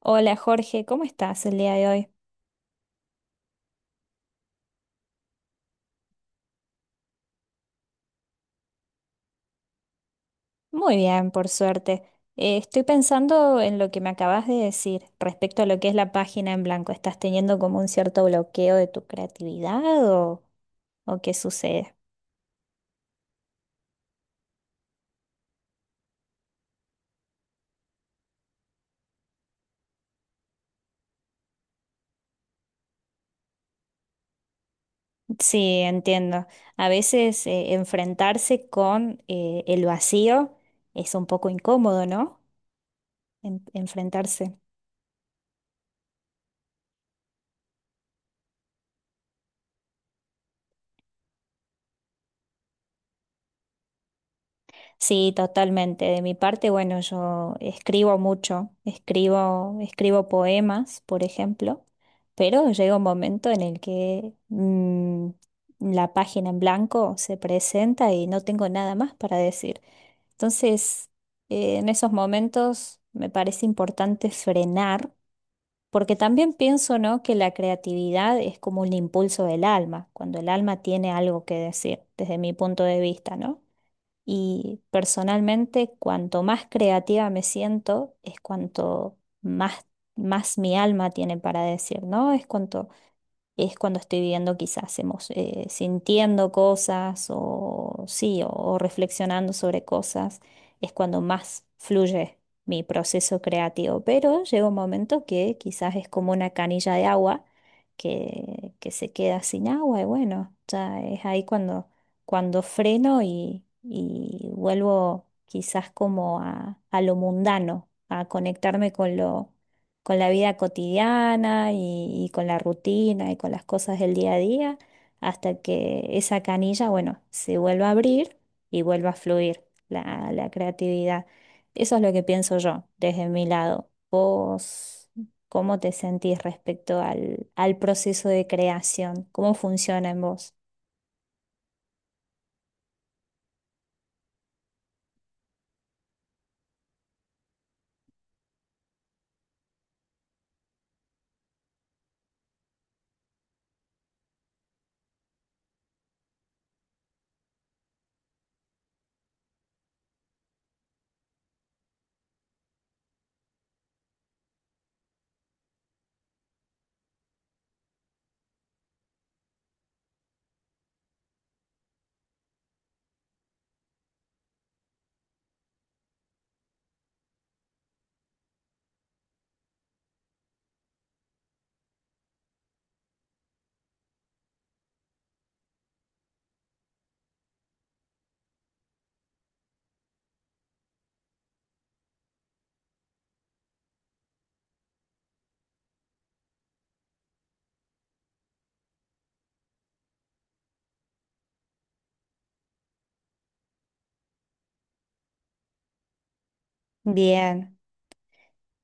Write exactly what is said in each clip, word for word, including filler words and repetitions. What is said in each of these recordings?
Hola Jorge, ¿cómo estás el día de hoy? Muy bien, por suerte. Eh, estoy pensando en lo que me acabas de decir respecto a lo que es la página en blanco. ¿Estás teniendo como un cierto bloqueo de tu creatividad o, o qué sucede? Sí, entiendo. A veces eh, enfrentarse con eh, el vacío es un poco incómodo, ¿no? En- enfrentarse. Sí, totalmente. De mi parte, bueno, yo escribo mucho, escribo, escribo poemas, por ejemplo, pero llega un momento en el que mm, la página en blanco se presenta y no tengo nada más para decir. Entonces, eh, en esos momentos me parece importante frenar, porque también pienso, ¿no?, que la creatividad es como un impulso del alma, cuando el alma tiene algo que decir, desde mi punto de vista, ¿no? Y personalmente, cuanto más creativa me siento, es cuanto más, más mi alma tiene para decir, ¿no? Es cuanto es cuando estoy viviendo quizás emo- eh, sintiendo cosas o sí, o, o reflexionando sobre cosas, es cuando más fluye mi proceso creativo. Pero llega un momento que quizás es como una canilla de agua que, que se queda sin agua y bueno, ya es ahí cuando, cuando freno y, y vuelvo quizás como a, a lo mundano, a conectarme con lo con la vida cotidiana y, y con la rutina y con las cosas del día a día, hasta que esa canilla, bueno, se vuelva a abrir y vuelva a fluir la, la creatividad. Eso es lo que pienso yo desde mi lado. ¿Vos cómo te sentís respecto al, al proceso de creación? ¿Cómo funciona en vos? Bien.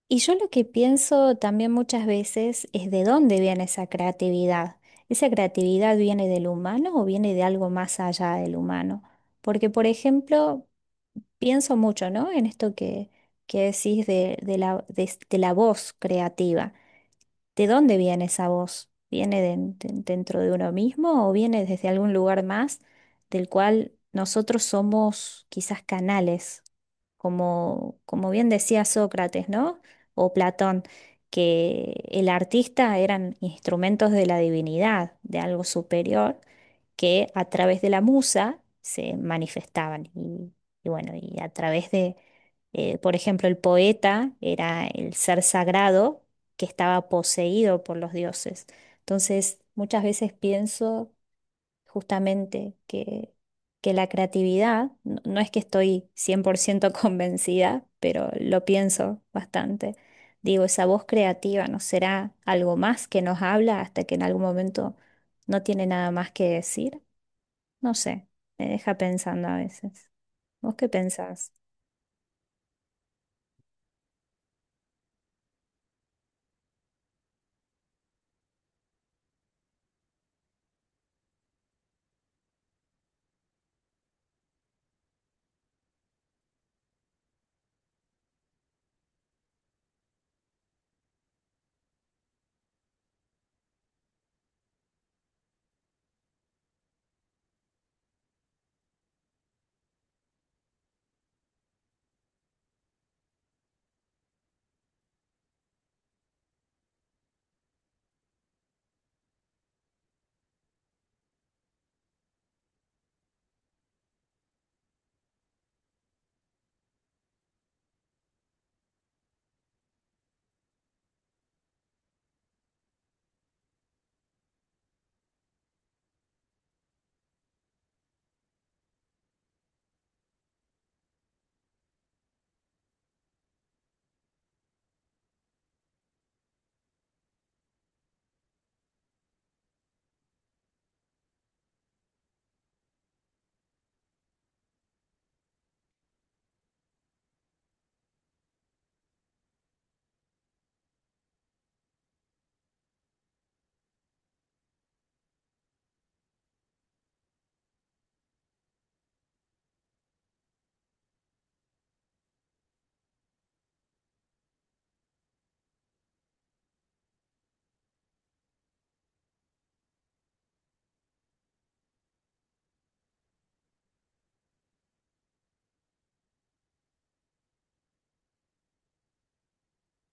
Y yo lo que pienso también muchas veces es de dónde viene esa creatividad. ¿Esa creatividad viene del humano o viene de algo más allá del humano? Porque, por ejemplo, pienso mucho, ¿no? En esto que, que decís de, de la, de- de la voz creativa. ¿De dónde viene esa voz? ¿Viene de- de- dentro de uno mismo o viene desde algún lugar más del cual nosotros somos quizás canales? Como, como bien decía Sócrates, ¿no? O Platón, que el artista eran instrumentos de la divinidad, de algo superior, que a través de la musa se manifestaban. Y, y bueno, y a través de, eh, por ejemplo, el poeta era el ser sagrado que estaba poseído por los dioses. Entonces, muchas veces pienso justamente que, que la creatividad, no, no es que estoy cien por ciento convencida, pero lo pienso bastante. Digo, ¿esa voz creativa nos será algo más que nos habla hasta que en algún momento no tiene nada más que decir? No sé, me deja pensando a veces. ¿Vos qué pensás?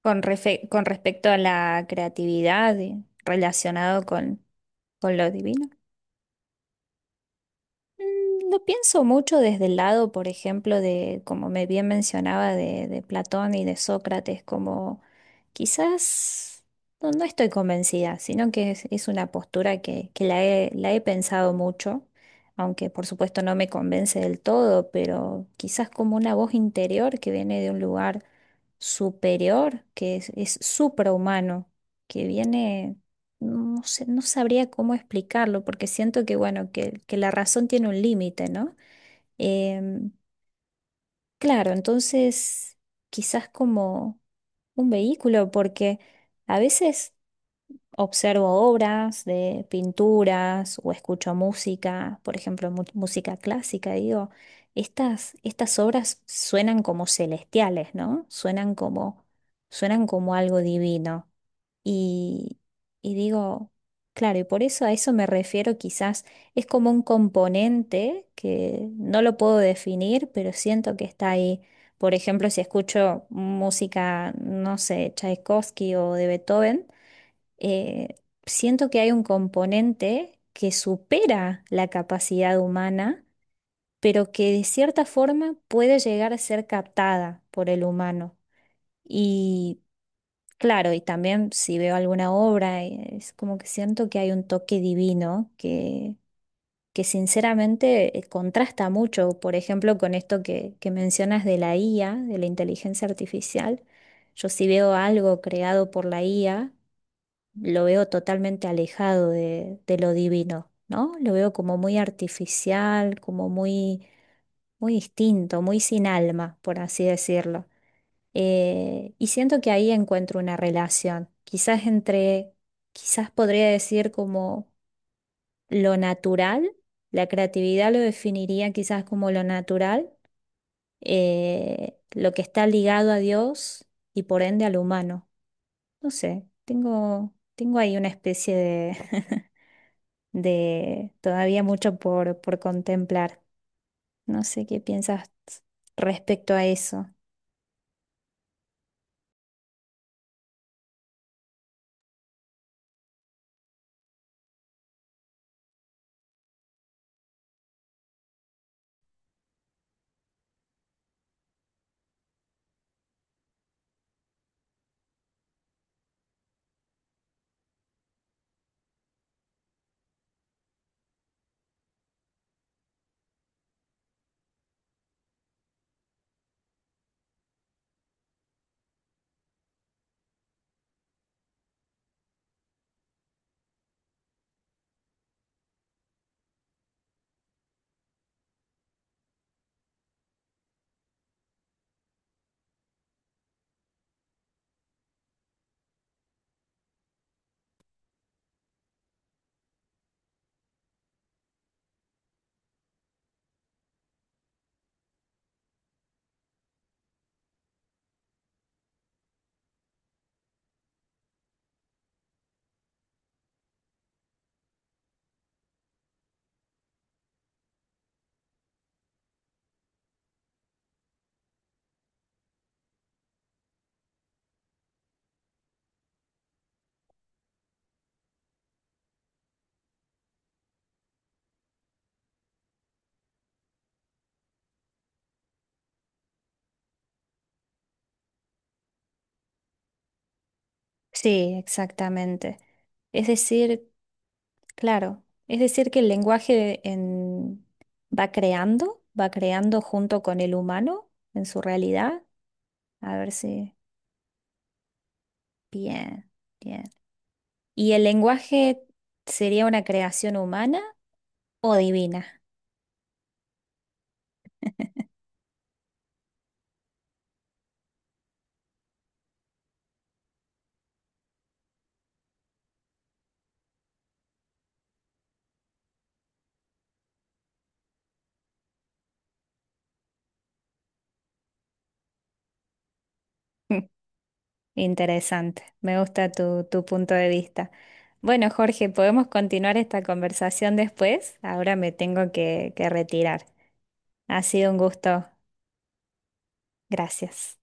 Con, refe- con respecto a la creatividad y relacionado con, con lo divino. Mm, lo pienso mucho desde el lado, por ejemplo, de, como me bien mencionaba, de, de Platón y de Sócrates, como quizás no, no estoy convencida, sino que es, es una postura que, que la he, la he pensado mucho, aunque por supuesto no me convence del todo, pero quizás como una voz interior que viene de un lugar superior, que es, es suprahumano, que viene no sé, no sabría cómo explicarlo, porque siento que, bueno, que, que la razón tiene un límite, ¿no? Em, claro, entonces quizás como un vehículo, porque a veces observo obras de pinturas o escucho música, por ejemplo, mu- música clásica, y digo, estas, estas obras suenan como celestiales, ¿no? Suenan como, suenan como algo divino. Y, y digo, claro, y por eso a eso me refiero quizás, es como un componente que no lo puedo definir, pero siento que está ahí. Por ejemplo, si escucho música, no sé, Tchaikovsky o de Beethoven, eh, siento que hay un componente que supera la capacidad humana, pero que de cierta forma puede llegar a ser captada por el humano. Claro, y también si veo alguna obra, eh, es como que siento que hay un toque divino que, que sinceramente eh, contrasta mucho, por ejemplo, con esto que, que mencionas de la I A, de la inteligencia artificial. Yo si veo algo creado por la I A, lo veo totalmente alejado de, de lo divino, ¿no? Lo veo como muy artificial, como muy, muy distinto, muy sin alma, por así decirlo. Eh, y siento que ahí encuentro una relación, quizás entre, quizás podría decir como lo natural, la creatividad lo definiría quizás como lo natural, eh, lo que está ligado a Dios y por ende al humano. No sé, tengo, tengo ahí una especie de, de todavía mucho por, por contemplar. No sé qué piensas respecto a eso. Sí, exactamente. Es decir, claro, es decir, que el lenguaje en- va creando, va creando junto con el humano en su realidad. A ver si... Bien, bien. ¿Y el lenguaje sería una creación humana o divina? Interesante, me gusta tu, tu punto de vista. Bueno, Jorge, podemos continuar esta conversación después. Ahora me tengo que que retirar. Ha sido un gusto. Gracias.